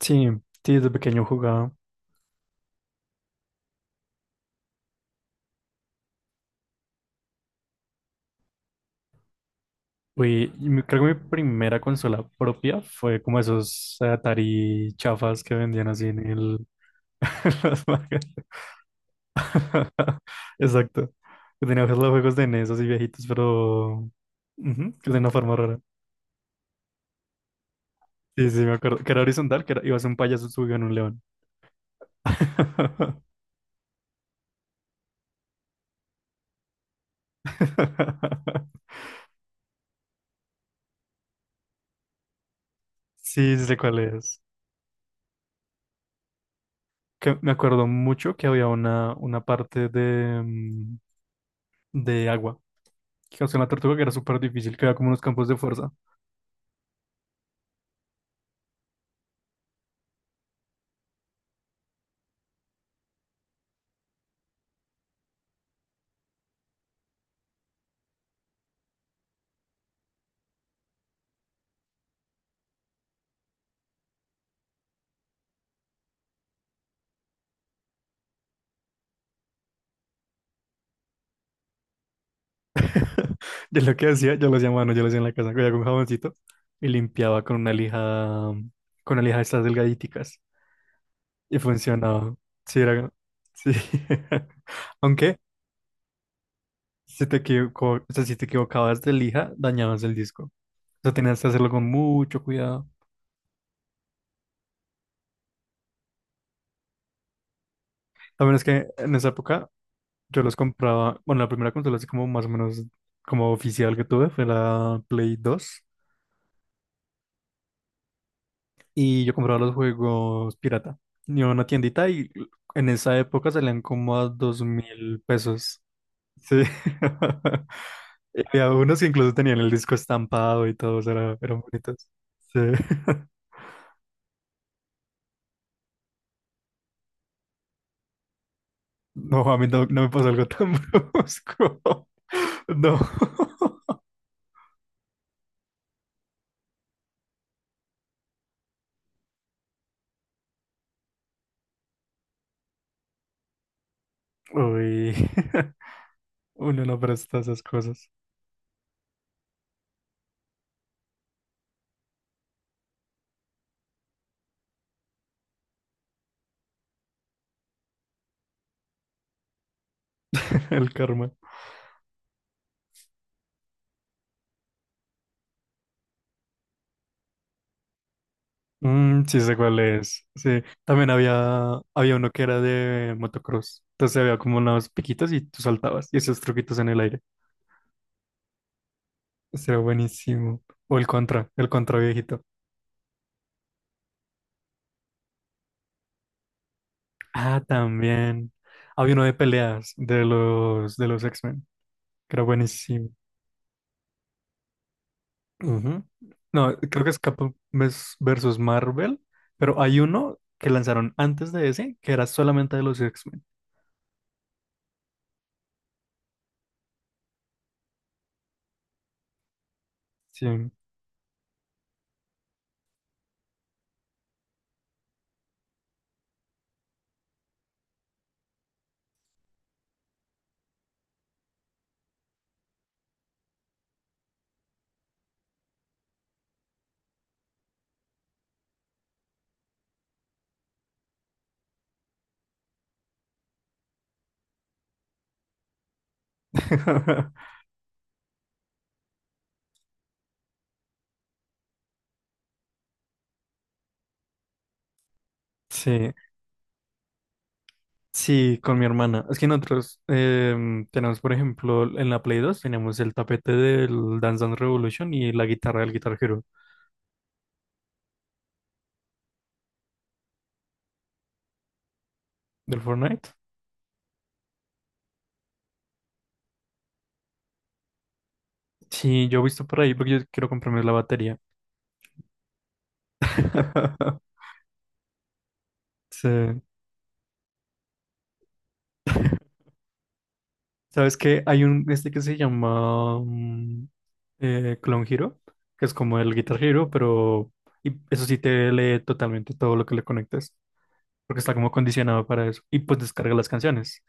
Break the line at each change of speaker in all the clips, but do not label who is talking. Sí, sí, desde pequeño jugaba. Uy, y creo que mi primera consola propia fue como esos Atari chafas que vendían así en el... en las marcas. Exacto. Que tenía los juegos de NES así viejitos, pero... ujú, que de una forma rara. Sí, sí, me acuerdo. Que era horizontal, que iba a ser un payaso subido en un león. Sí, sí sé cuál es. Que me acuerdo mucho que había una parte de agua, que hacía una tortuga que era súper difícil, que era como unos campos de fuerza. Yo lo que hacía, yo lo hacía a mano, yo lo hacía en la casa, cogía con jaboncito y limpiaba con una lija de estas delgadíticas, y funcionaba. Sí, era, sí. Aunque si te equivoco, o sea, si te equivocabas de lija, dañabas el disco. O sea, tenías que hacerlo con mucho cuidado. También es que en esa época yo los compraba, bueno, la primera consola así como más o menos como oficial que tuve fue la Play dos, y yo compraba los juegos pirata. Iba a una tiendita y en esa época salían como a 2.000 pesos. Sí. y había unos que incluso tenían el disco estampado y todos era, eran bonitos. Sí. No, a mí no me pasó algo tan brusco. No. Uy. Uno no presta esas cosas. El karma. Mm, sí sé cuál es. Sí, también había uno que era de motocross. Entonces había como unos piquitos y tú saltabas y esos truquitos en el aire. Ese era buenísimo. O el Contra viejito. Ah, también. Había uno de peleas de los X-Men, que era buenísimo. Ujú. No, creo que es Capcom versus Marvel, pero hay uno que lanzaron antes de ese que era solamente de los X-Men. Sí. Sí. Sí, con mi hermana. Es que nosotros tenemos, por ejemplo, en la Play dos tenemos el tapete del Dance Dance Revolution y la guitarra del Guitar Hero del Fortnite. Sí, yo he visto por ahí porque yo quiero comprarme la batería. Sí. ¿Sabes qué? Hay un este que se llama Clone Hero, que es como el Guitar Hero, pero y eso sí te lee totalmente todo lo que le conectes, porque está como condicionado para eso. Y pues descarga las canciones.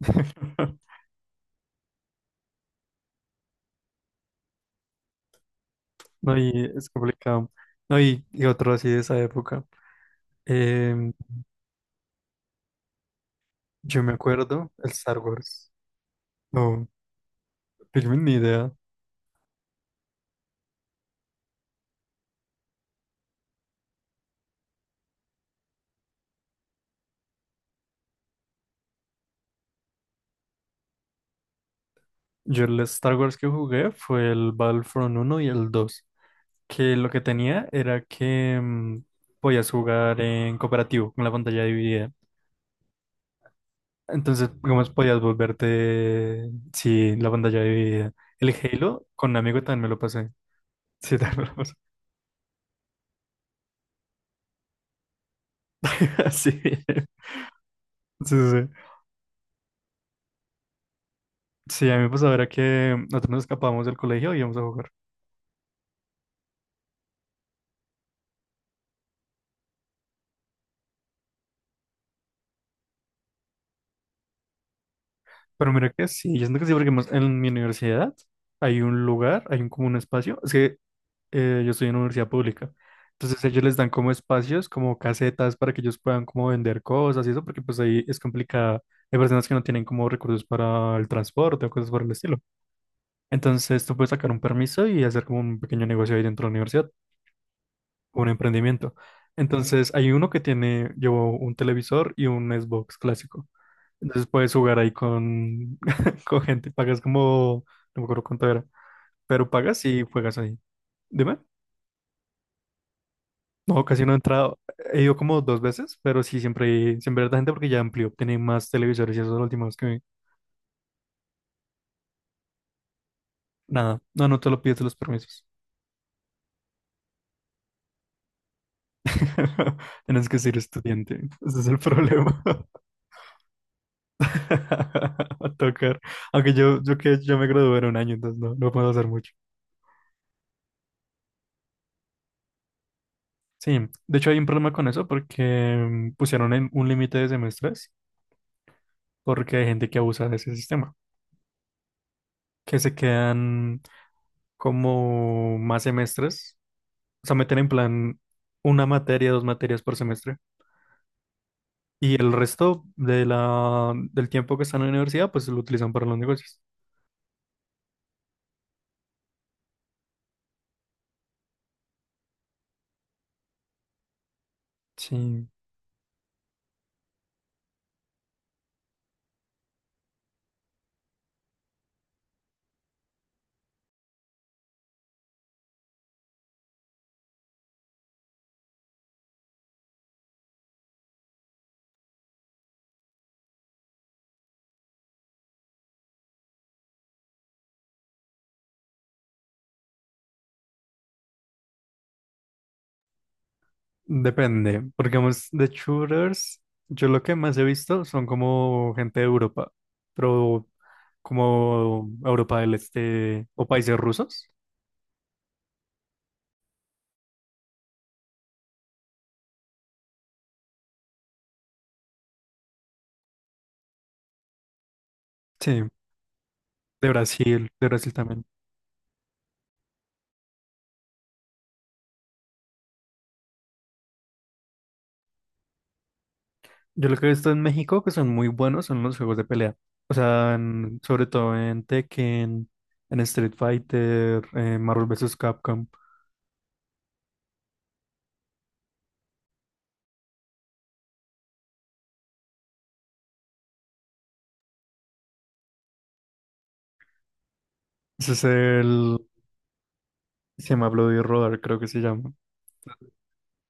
No, y es complicado. No, y otro así de esa época. Em, yo me acuerdo el Star Wars. No, tengo ni idea. Yo el Star Wars que jugué fue el Battlefront uno y el dos. Que lo que tenía era que podías jugar en cooperativo con la pantalla dividida. Entonces, digamos, podías volverte, sí, la pantalla dividida. El Halo con un amigo también me lo pasé. Sí, también me lo pasé. Así. Sí, sí. Sí, a mí me pasaba era que nosotros nos escapábamos del colegio y íbamos a jugar. Pero mira que sí, yo siento que sí, porque más en mi universidad hay un lugar, hay un, como un espacio. Es que yo estoy en una universidad pública. Entonces ellos les dan como espacios, como casetas para que ellos puedan como vender cosas y eso, porque pues ahí es complicado. Hay personas que no tienen como recursos para el transporte o cosas por el estilo. Entonces tú puedes sacar un permiso y hacer como un pequeño negocio ahí dentro de la universidad, un emprendimiento. Entonces hay uno que tiene, llevó un televisor y un Xbox clásico. Entonces puedes jugar ahí con, con gente, pagas como, no me acuerdo cuánto era, pero pagas y juegas ahí. Dime. No, casi no he entrado. He ido como dos veces, pero sí, siempre, siempre hay harta gente porque ya amplió, tiene más televisores y eso es lo último que vi. Nada, no, no te lo pides los permisos. Tienes que ser estudiante, ese es el problema. A tocar. Aunque yo que yo me gradué en un año, entonces no, no puedo hacer mucho. Sí, de hecho hay un problema con eso porque pusieron en un límite de semestres porque hay gente que abusa de ese sistema, que se quedan como más semestres, o sea, meten en plan una materia, dos materias por semestre, y el resto de la, del tiempo que están en la universidad, pues lo utilizan para los negocios. Sí, depende, porque vamos, de shooters, yo lo que más he visto son como gente de Europa, pero como Europa del Este o países rusos. Sí, de Brasil también. Yo lo que he visto en México que son muy buenos son los juegos de pelea. O sea, en- sobre todo en Tekken, en Street Fighter, en Marvel vs. Capcom. Ese es el... Se llama Bloody Roar, creo que se llama.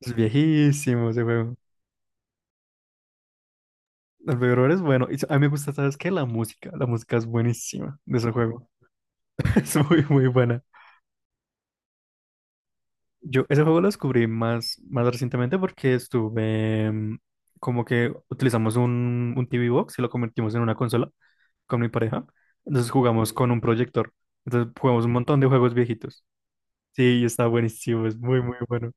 Es viejísimo ese juego. El Bloody Roar es bueno. Y a mí me gusta, ¿sabes qué? La música. La música es buenísima de ese juego. Es muy, muy buena. Yo ese juego lo descubrí más, más recientemente porque estuve como que utilizamos un TV Box y lo convertimos en una consola con mi pareja. Entonces jugamos con un proyector. Entonces jugamos un montón de juegos viejitos. Sí, y está buenísimo, es muy, muy bueno.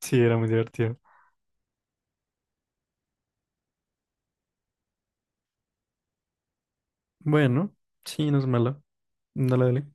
Sí, era muy divertido. Bueno, sí, no es malo. Dale, dale.